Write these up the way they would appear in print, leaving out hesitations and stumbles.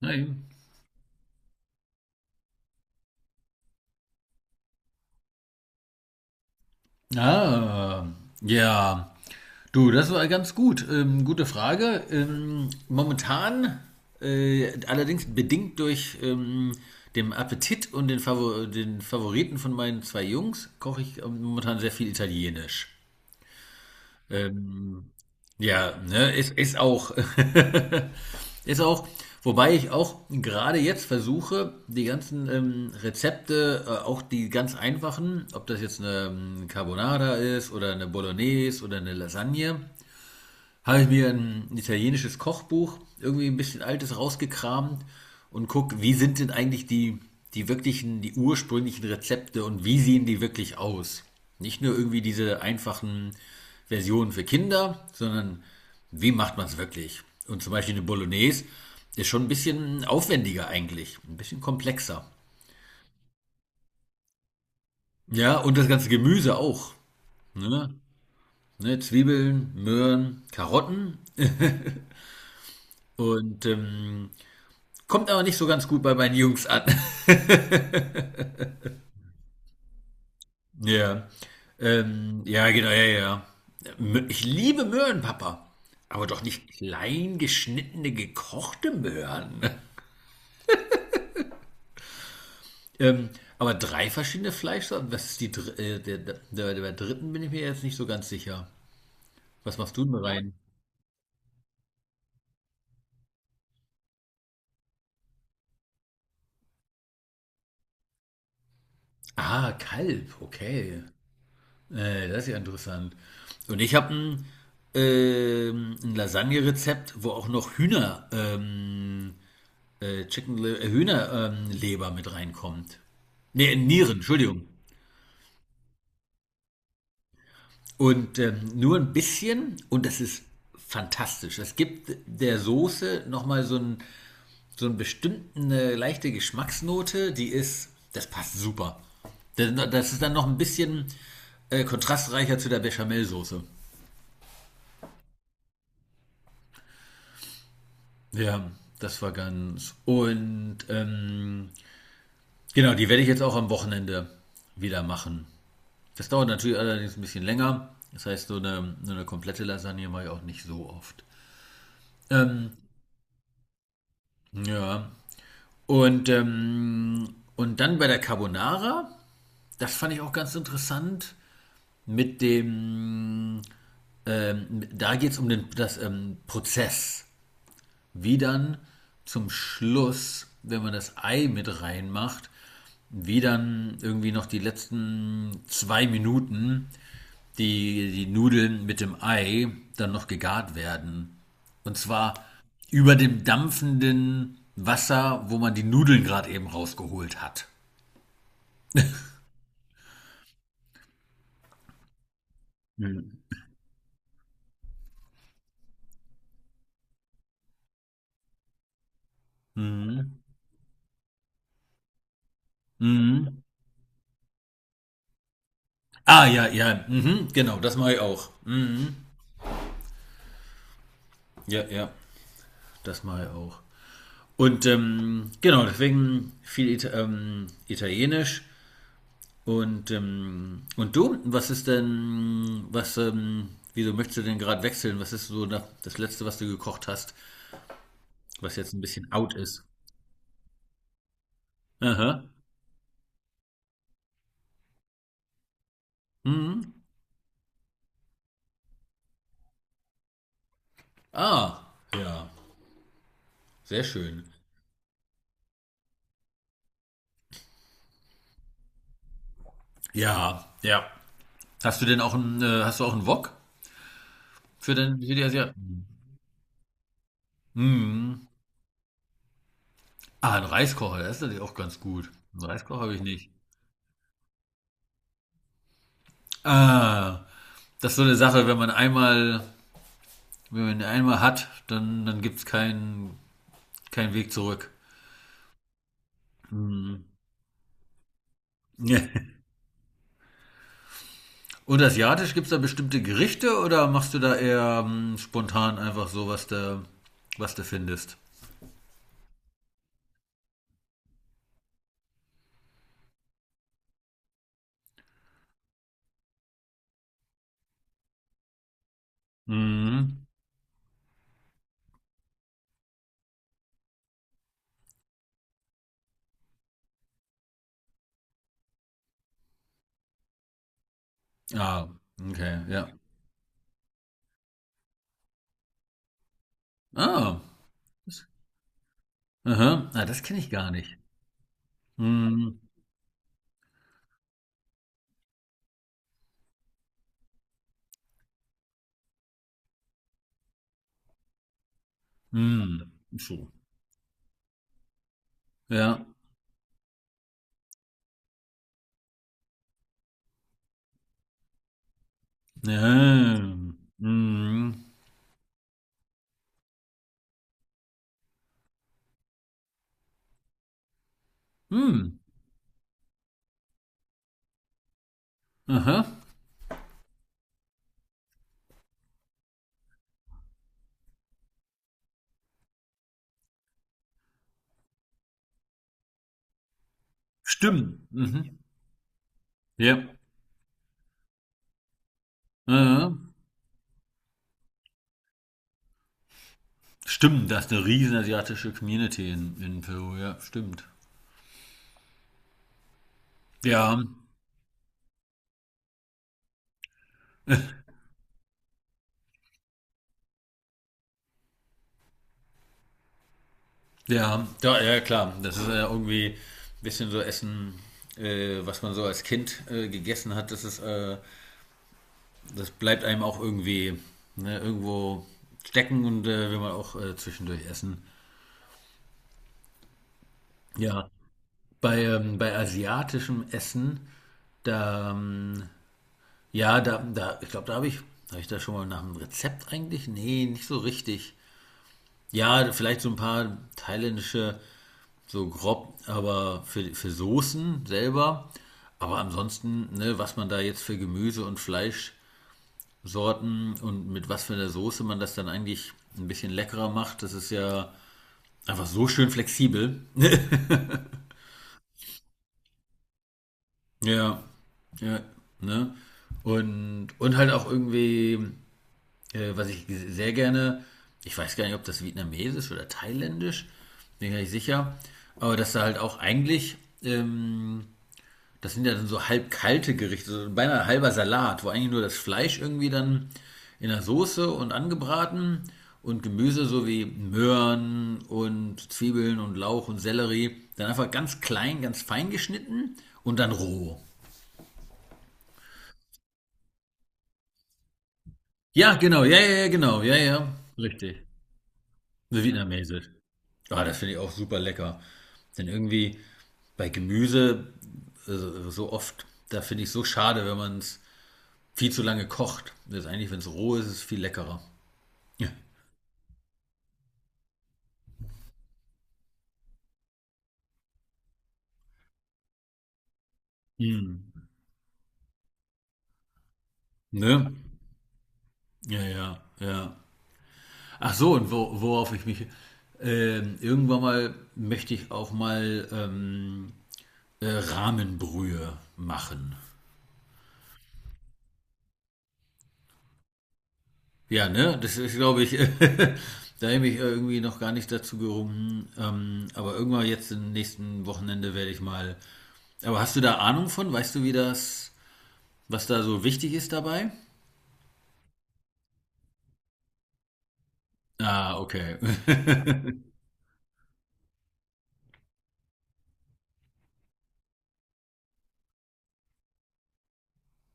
Nein. Ah, ja. Du, das war ganz gut. Gute Frage. Momentan, allerdings bedingt durch den Appetit und den, Favor den Favoriten von meinen zwei Jungs, koche ich momentan sehr viel Italienisch. Ähm, ja, ne, ist auch ist auch, wobei ich auch gerade jetzt versuche, die ganzen Rezepte, auch die ganz einfachen, ob das jetzt eine Carbonara ist oder eine Bolognese oder eine Lasagne, habe ich mir ein italienisches Kochbuch, irgendwie ein bisschen altes, rausgekramt und guck, wie sind denn eigentlich die, die wirklichen, die ursprünglichen Rezepte und wie sehen die wirklich aus? Nicht nur irgendwie diese einfachen Versionen für Kinder, sondern wie macht man es wirklich? Und zum Beispiel eine Bolognese ist schon ein bisschen aufwendiger eigentlich, ein bisschen komplexer. Ja, und das ganze Gemüse auch. Ne? Ne, Zwiebeln, Möhren, Karotten und kommt aber nicht so ganz gut bei meinen Jungs an. Ja. Ja, genau, ja, ja. Ich liebe Möhren, Papa. Aber doch nicht klein geschnittene, gekochte Möhren. Ähm, aber drei verschiedene Fleischsorten. Was ist die dr der dritten bin ich mir jetzt nicht so ganz sicher. Was machst du denn rein? Ah, Kalb, okay. Das ist ja interessant. Und ich habe ein, ein Lasagne-Rezept, wo auch noch Hühnerleber mit reinkommt. Nee, Nieren, Entschuldigung. Und nur ein bisschen und das ist fantastisch. Es gibt der Soße nochmal so einen bestimmten eine leichte Geschmacksnote, die ist, das passt super. Das ist dann noch ein bisschen kontrastreicher zu der Bechamelsoße. Ja, das war ganz. Und genau, die werde ich jetzt auch am Wochenende wieder machen. Das dauert natürlich allerdings ein bisschen länger. Das heißt, so eine komplette Lasagne mache ich auch nicht so oft. Ähm, ja. Und dann bei der Carbonara, das fand ich auch ganz interessant, mit dem, da geht es um den, das Prozess. Wie dann zum Schluss, wenn man das Ei mit reinmacht, wie dann irgendwie noch die letzten zwei Minuten die, die Nudeln mit dem Ei dann noch gegart werden. Und zwar über dem dampfenden Wasser, wo man die Nudeln gerade eben rausgeholt hat. Mhm. Mhm. Mhm. Ah, ja, ja, mhm, genau, das mache ich auch. Mhm. Ja, ja, das mache ich auch. Und genau, deswegen viel Italienisch. Und du, was ist denn, was, wieso möchtest du denn gerade wechseln? Was ist so das Letzte, was du gekocht hast, was jetzt ein bisschen out ist? Aha. Mhm. Ah, ja, sehr schön. Ja, ja. Hast du denn auch einen, hast du auch einen Wok für den, für die Asiaten? Mhm. Ah, ein Reiskocher, das ist natürlich auch ganz gut. Einen Reiskocher habe ich nicht. Ah, das ist so eine Sache, wenn man einmal, wenn man einmal hat, dann, dann gibt's keinen keinen Weg zurück. Hm. Ja. Und asiatisch gibt's da bestimmte Gerichte oder machst du da eher spontan einfach so, was du findest? Mhm. Ah, okay, ja. Ah, aha. Ah, das kenne ich gar nicht. Mhm. Mhm. So. Ja. Ja. Mhm. Mhm. Aha. Stimmt. Mhm. Ja. Äh, stimmt, das ist eine riesen asiatische Community in Peru, ja, stimmt. Ja, ja, ja, ja, klar. Das ist ja irgendwie ein bisschen so Essen, was man so als Kind gegessen hat, das ist, das bleibt einem auch irgendwie ne, irgendwo stecken und will man auch zwischendurch essen. Ja, bei, bei asiatischem Essen, da, ja, da, da, ich glaube, da habe ich da schon mal nach einem Rezept eigentlich? Nee, nicht so richtig. Ja, vielleicht so ein paar thailändische, so grob, aber für Soßen selber. Aber ansonsten, ne, was man da jetzt für Gemüse und Fleischsorten und mit was für einer Soße man das dann eigentlich ein bisschen leckerer macht, das ist ja einfach so schön flexibel. Ja, ja, ne? Und halt auch irgendwie, was ich sehr gerne, ich weiß gar nicht, ob das vietnamesisch oder thailändisch, bin gar nicht sicher, aber dass da halt auch eigentlich ähm, das sind ja dann so halb kalte Gerichte, so beinahe halber Salat, wo eigentlich nur das Fleisch irgendwie dann in der Soße und angebraten und Gemüse so wie Möhren und Zwiebeln und Lauch und Sellerie dann einfach ganz klein, ganz fein geschnitten und dann roh. Ja, genau, ja, ja, ja, genau, ja, ja, richtig. So vietnamesisch. Ah, das finde ich auch super lecker. Denn irgendwie bei Gemüse so oft, da finde ich so schade, wenn man es viel zu lange kocht. Letztendlich, wenn es roh ist, ist es viel leckerer. Ja. Hm. Ne? Ja, ja, ja. Ach so, und wo, worauf ich mich. Irgendwann mal möchte ich auch mal Rahmenbrühe machen. Ja, ne? Das ist, glaube ich, da habe ich mich irgendwie noch gar nicht dazu gerungen. Aber irgendwann jetzt im nächsten Wochenende werde ich mal. Aber hast du da Ahnung von? Weißt du, wie das, was da so wichtig ist dabei? Ah, okay.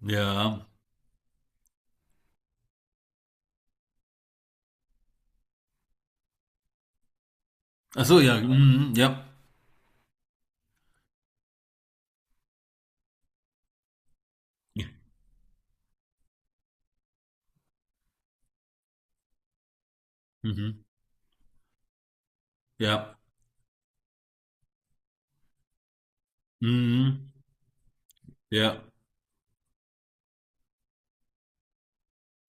Ja. Ach so, ja, mhm, ja. Mhm, ja. Mhm, ja.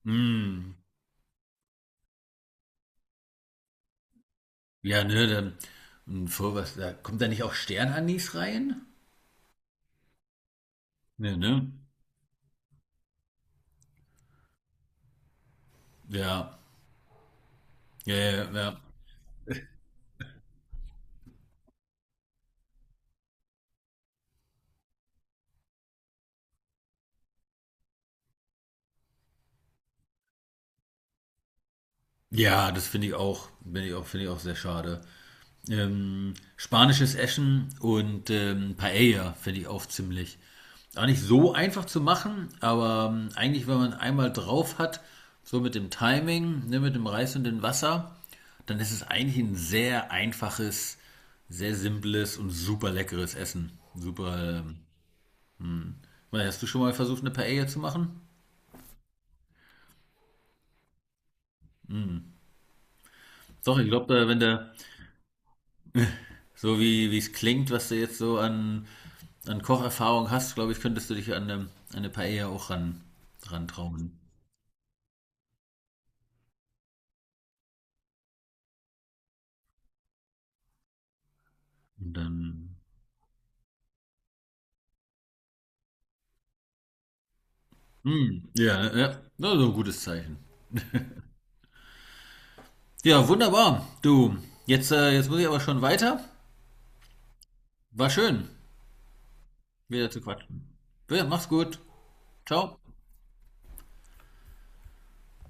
Mhm. Ja, ne, dann und vor was da kommt da nicht auch Sternanis rein? Ne, ne? Ja. Ja, ja, ja. Ja, das finde ich auch, finde ich auch, finde ich auch sehr schade. Spanisches Essen und Paella finde ich auch ziemlich. Auch nicht so einfach zu machen, aber eigentlich, wenn man einmal drauf hat, so mit dem Timing, ne, mit dem Reis und dem Wasser, dann ist es eigentlich ein sehr einfaches, sehr simples und super leckeres Essen. Super. Hast du schon mal versucht, eine Paella zu machen? Hm. Doch, ich glaube, wenn der so wie es klingt, was du jetzt so an, an Kocherfahrung hast, glaube ich, könntest du dich an eine Paella auch ran, rantrauen. Und dann. Hm, ja, ja, das ist ein gutes Zeichen. Ja, wunderbar. Du, jetzt, jetzt muss ich aber schon weiter. War schön, wieder zu quatschen. Ja, mach's gut. Ciao.